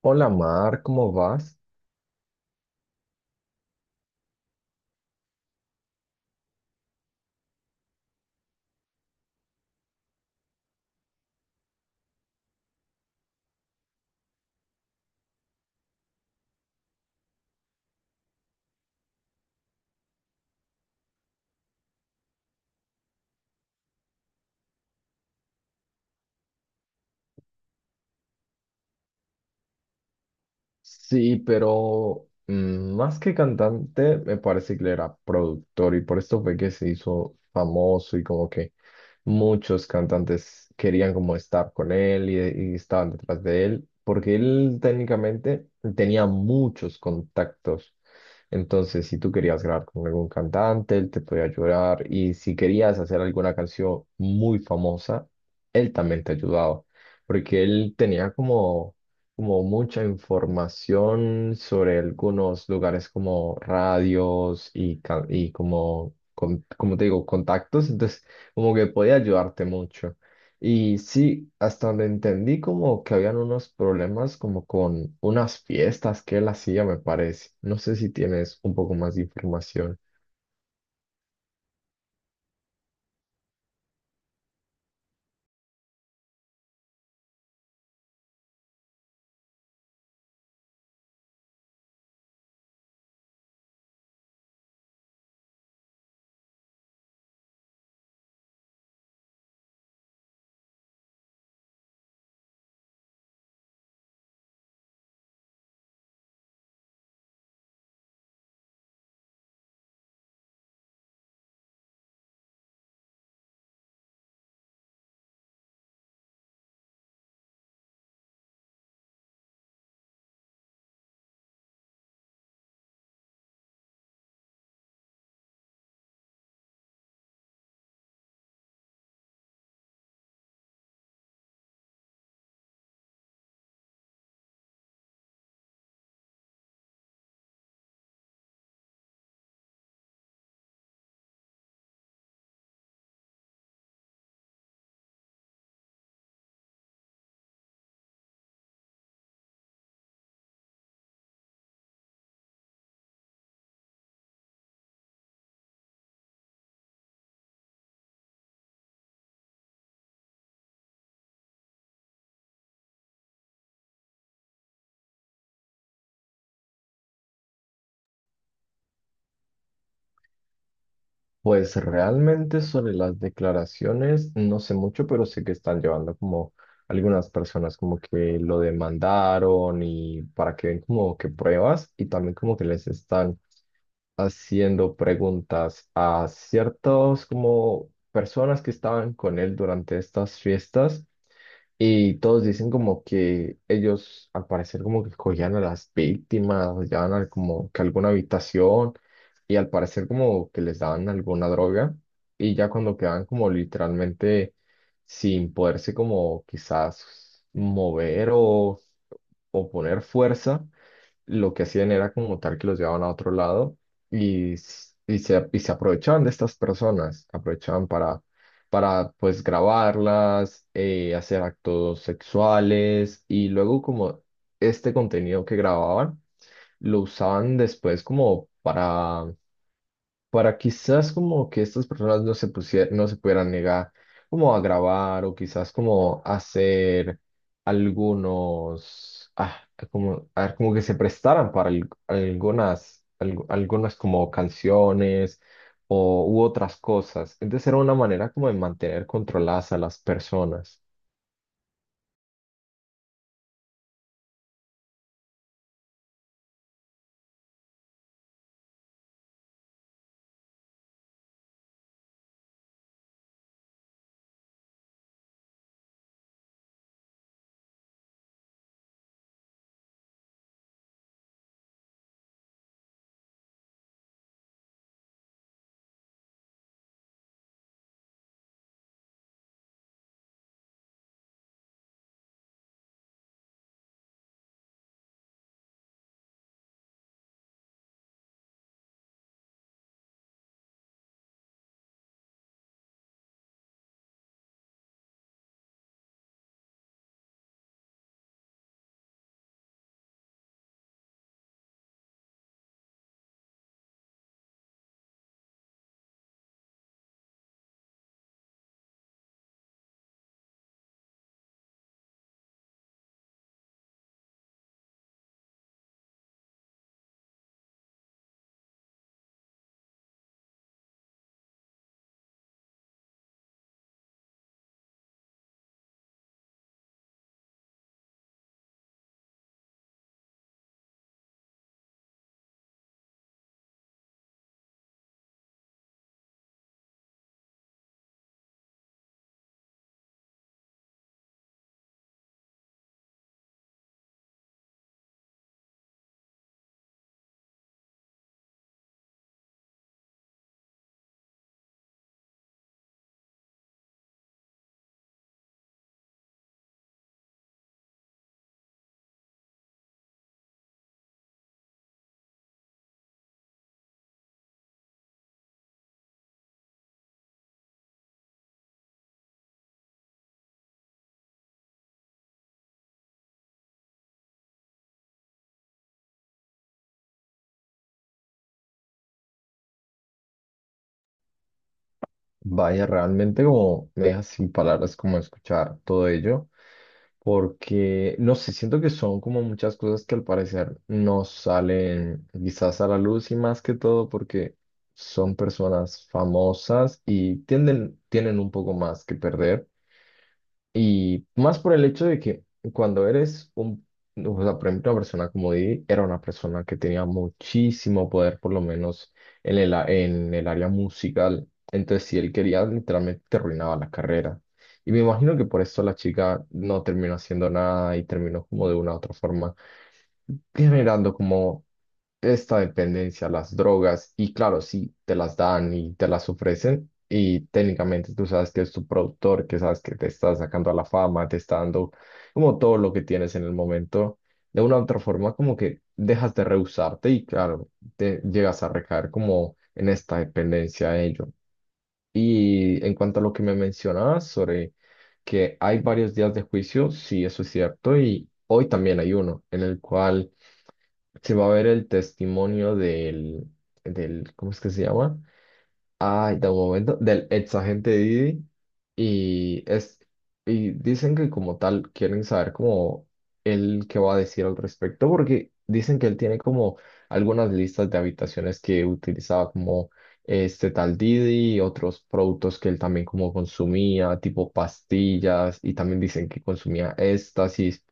Hola Mar, ¿cómo vas? Sí, pero más que cantante, me parece que él era productor y por esto fue que se hizo famoso y como que muchos cantantes querían como estar con él y estaban detrás de él, porque él técnicamente tenía muchos contactos. Entonces, si tú querías grabar con algún cantante, él te podía ayudar y si querías hacer alguna canción muy famosa, él también te ayudaba, porque él tenía como mucha información sobre algunos lugares como radios y como, como te digo, contactos, entonces como que podía ayudarte mucho. Y sí, hasta donde entendí como que habían unos problemas como con unas fiestas que él hacía, me parece. No sé si tienes un poco más de información. Pues realmente sobre las declaraciones no sé mucho, pero sé que están llevando como algunas personas como que lo demandaron y para que ven como que pruebas y también como que les están haciendo preguntas a ciertos como personas que estaban con él durante estas fiestas y todos dicen como que ellos al parecer como que cogían a las víctimas, las llevaban a como que a alguna habitación y al parecer como que les daban alguna droga y ya cuando quedaban como literalmente sin poderse como quizás mover o poner fuerza, lo que hacían era como tal que los llevaban a otro lado y se aprovechaban de estas personas, aprovechaban para pues grabarlas, hacer actos sexuales y luego como este contenido que grababan lo usaban después como para quizás como que estas personas no se pusieran no se pudieran negar como a grabar o quizás como hacer algunos, como, a ver, como que se prestaran para algunas, algunas como canciones o, u otras cosas. Entonces era una manera como de mantener controladas a las personas. Vaya, realmente como me deja sin palabras como escuchar todo ello, porque no sé, siento que son como muchas cosas que al parecer no salen quizás a la luz y más que todo porque son personas famosas y tienen un poco más que perder. Y más por el hecho de que cuando o sea, por ejemplo, una persona como Didi, era una persona que tenía muchísimo poder, por lo menos en en el área musical. Entonces, si él quería, literalmente te arruinaba la carrera. Y me imagino que por eso la chica no terminó haciendo nada y terminó como de una u otra forma generando como esta dependencia a las drogas y claro, si te las dan y te las ofrecen y técnicamente tú sabes que es tu productor, que sabes que te está sacando a la fama, te está dando como todo lo que tienes en el momento, de una u otra forma como que dejas de rehusarte y claro, te llegas a recaer como en esta dependencia a ello. Y en cuanto a lo que me mencionabas sobre que hay varios días de juicio, sí, eso es cierto, y hoy también hay uno en el cual se va a ver el testimonio del ¿cómo es que se llama? Ay, de un momento, del ex agente Didi, y es, y dicen que como tal quieren saber como él qué va a decir al respecto, porque dicen que él tiene como algunas listas de habitaciones que utilizaba como este tal Didi y otros productos que él también como consumía, tipo pastillas, y también dicen que consumía éxtasis.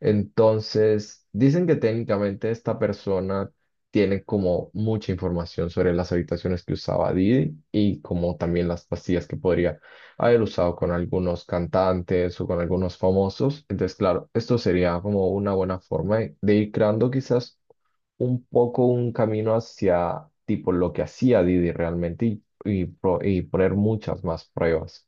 Entonces, dicen que técnicamente esta persona tiene como mucha información sobre las habitaciones que usaba Didi y como también las pastillas que podría haber usado con algunos cantantes o con algunos famosos. Entonces, claro, esto sería como una buena forma de ir creando quizás un poco un camino hacia tipo lo que hacía Didi realmente y poner muchas más pruebas.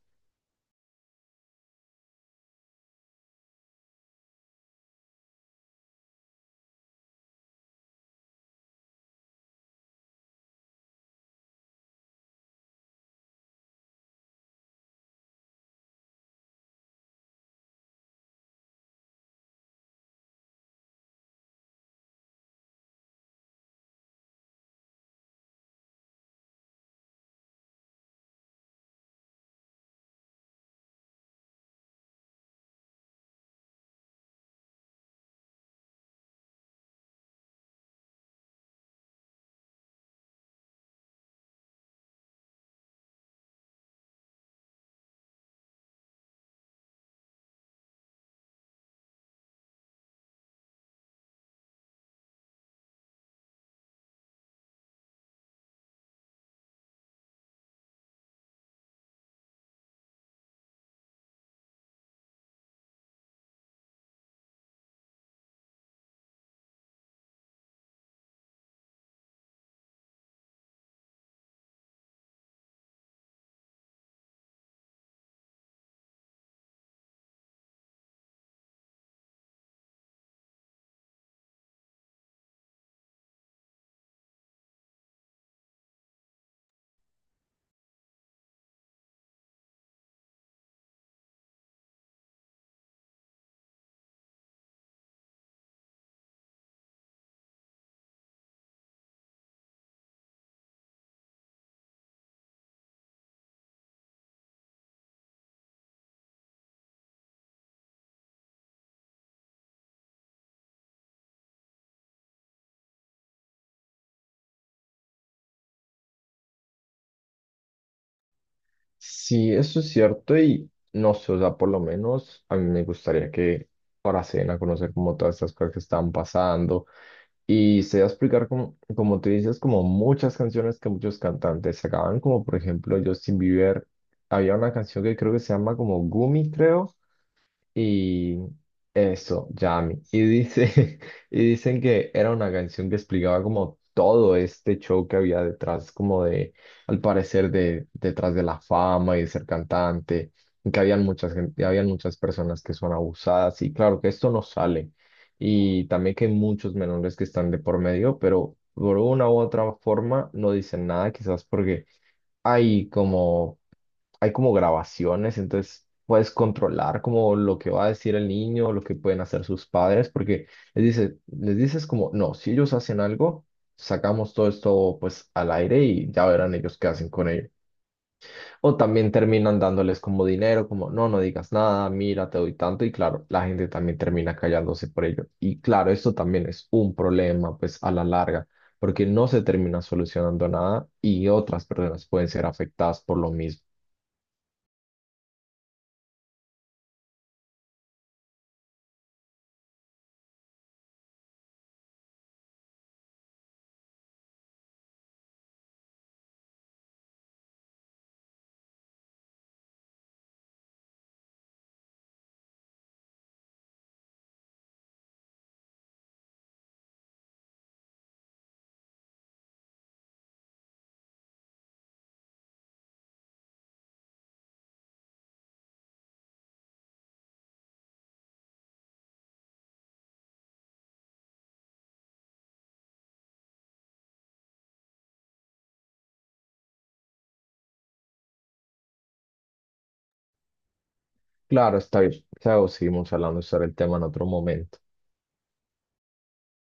Sí, eso es cierto y no sé, o sea, por lo menos a mí me gustaría que ahora se den a conocer como todas estas cosas que están pasando y se va a explicar como, como tú dices, como muchas canciones que muchos cantantes sacaban, como por ejemplo Justin Bieber, había una canción que creo que se llama como Gumi, creo. Y eso, Yami. Y dice, y dicen que era una canción que explicaba como todo este show que había detrás, como de, al parecer, de detrás de la fama y de ser cantante, y que habían y habían muchas personas que son abusadas. Y claro que esto no sale. Y también que hay muchos menores que están de por medio, pero por una u otra forma no dicen nada, quizás porque hay como, hay como grabaciones, entonces puedes controlar como lo que va a decir el niño, lo que pueden hacer sus padres, porque les dices como, no, si ellos hacen algo, sacamos todo esto pues al aire y ya verán ellos qué hacen con ello. O también terminan dándoles como dinero, como no, no digas nada, mira, te doy tanto. Y claro, la gente también termina callándose por ello. Y claro, esto también es un problema, pues a la larga, porque no se termina solucionando nada y otras personas pueden ser afectadas por lo mismo. Claro, está bien. O seguimos hablando sobre el tema en otro momento.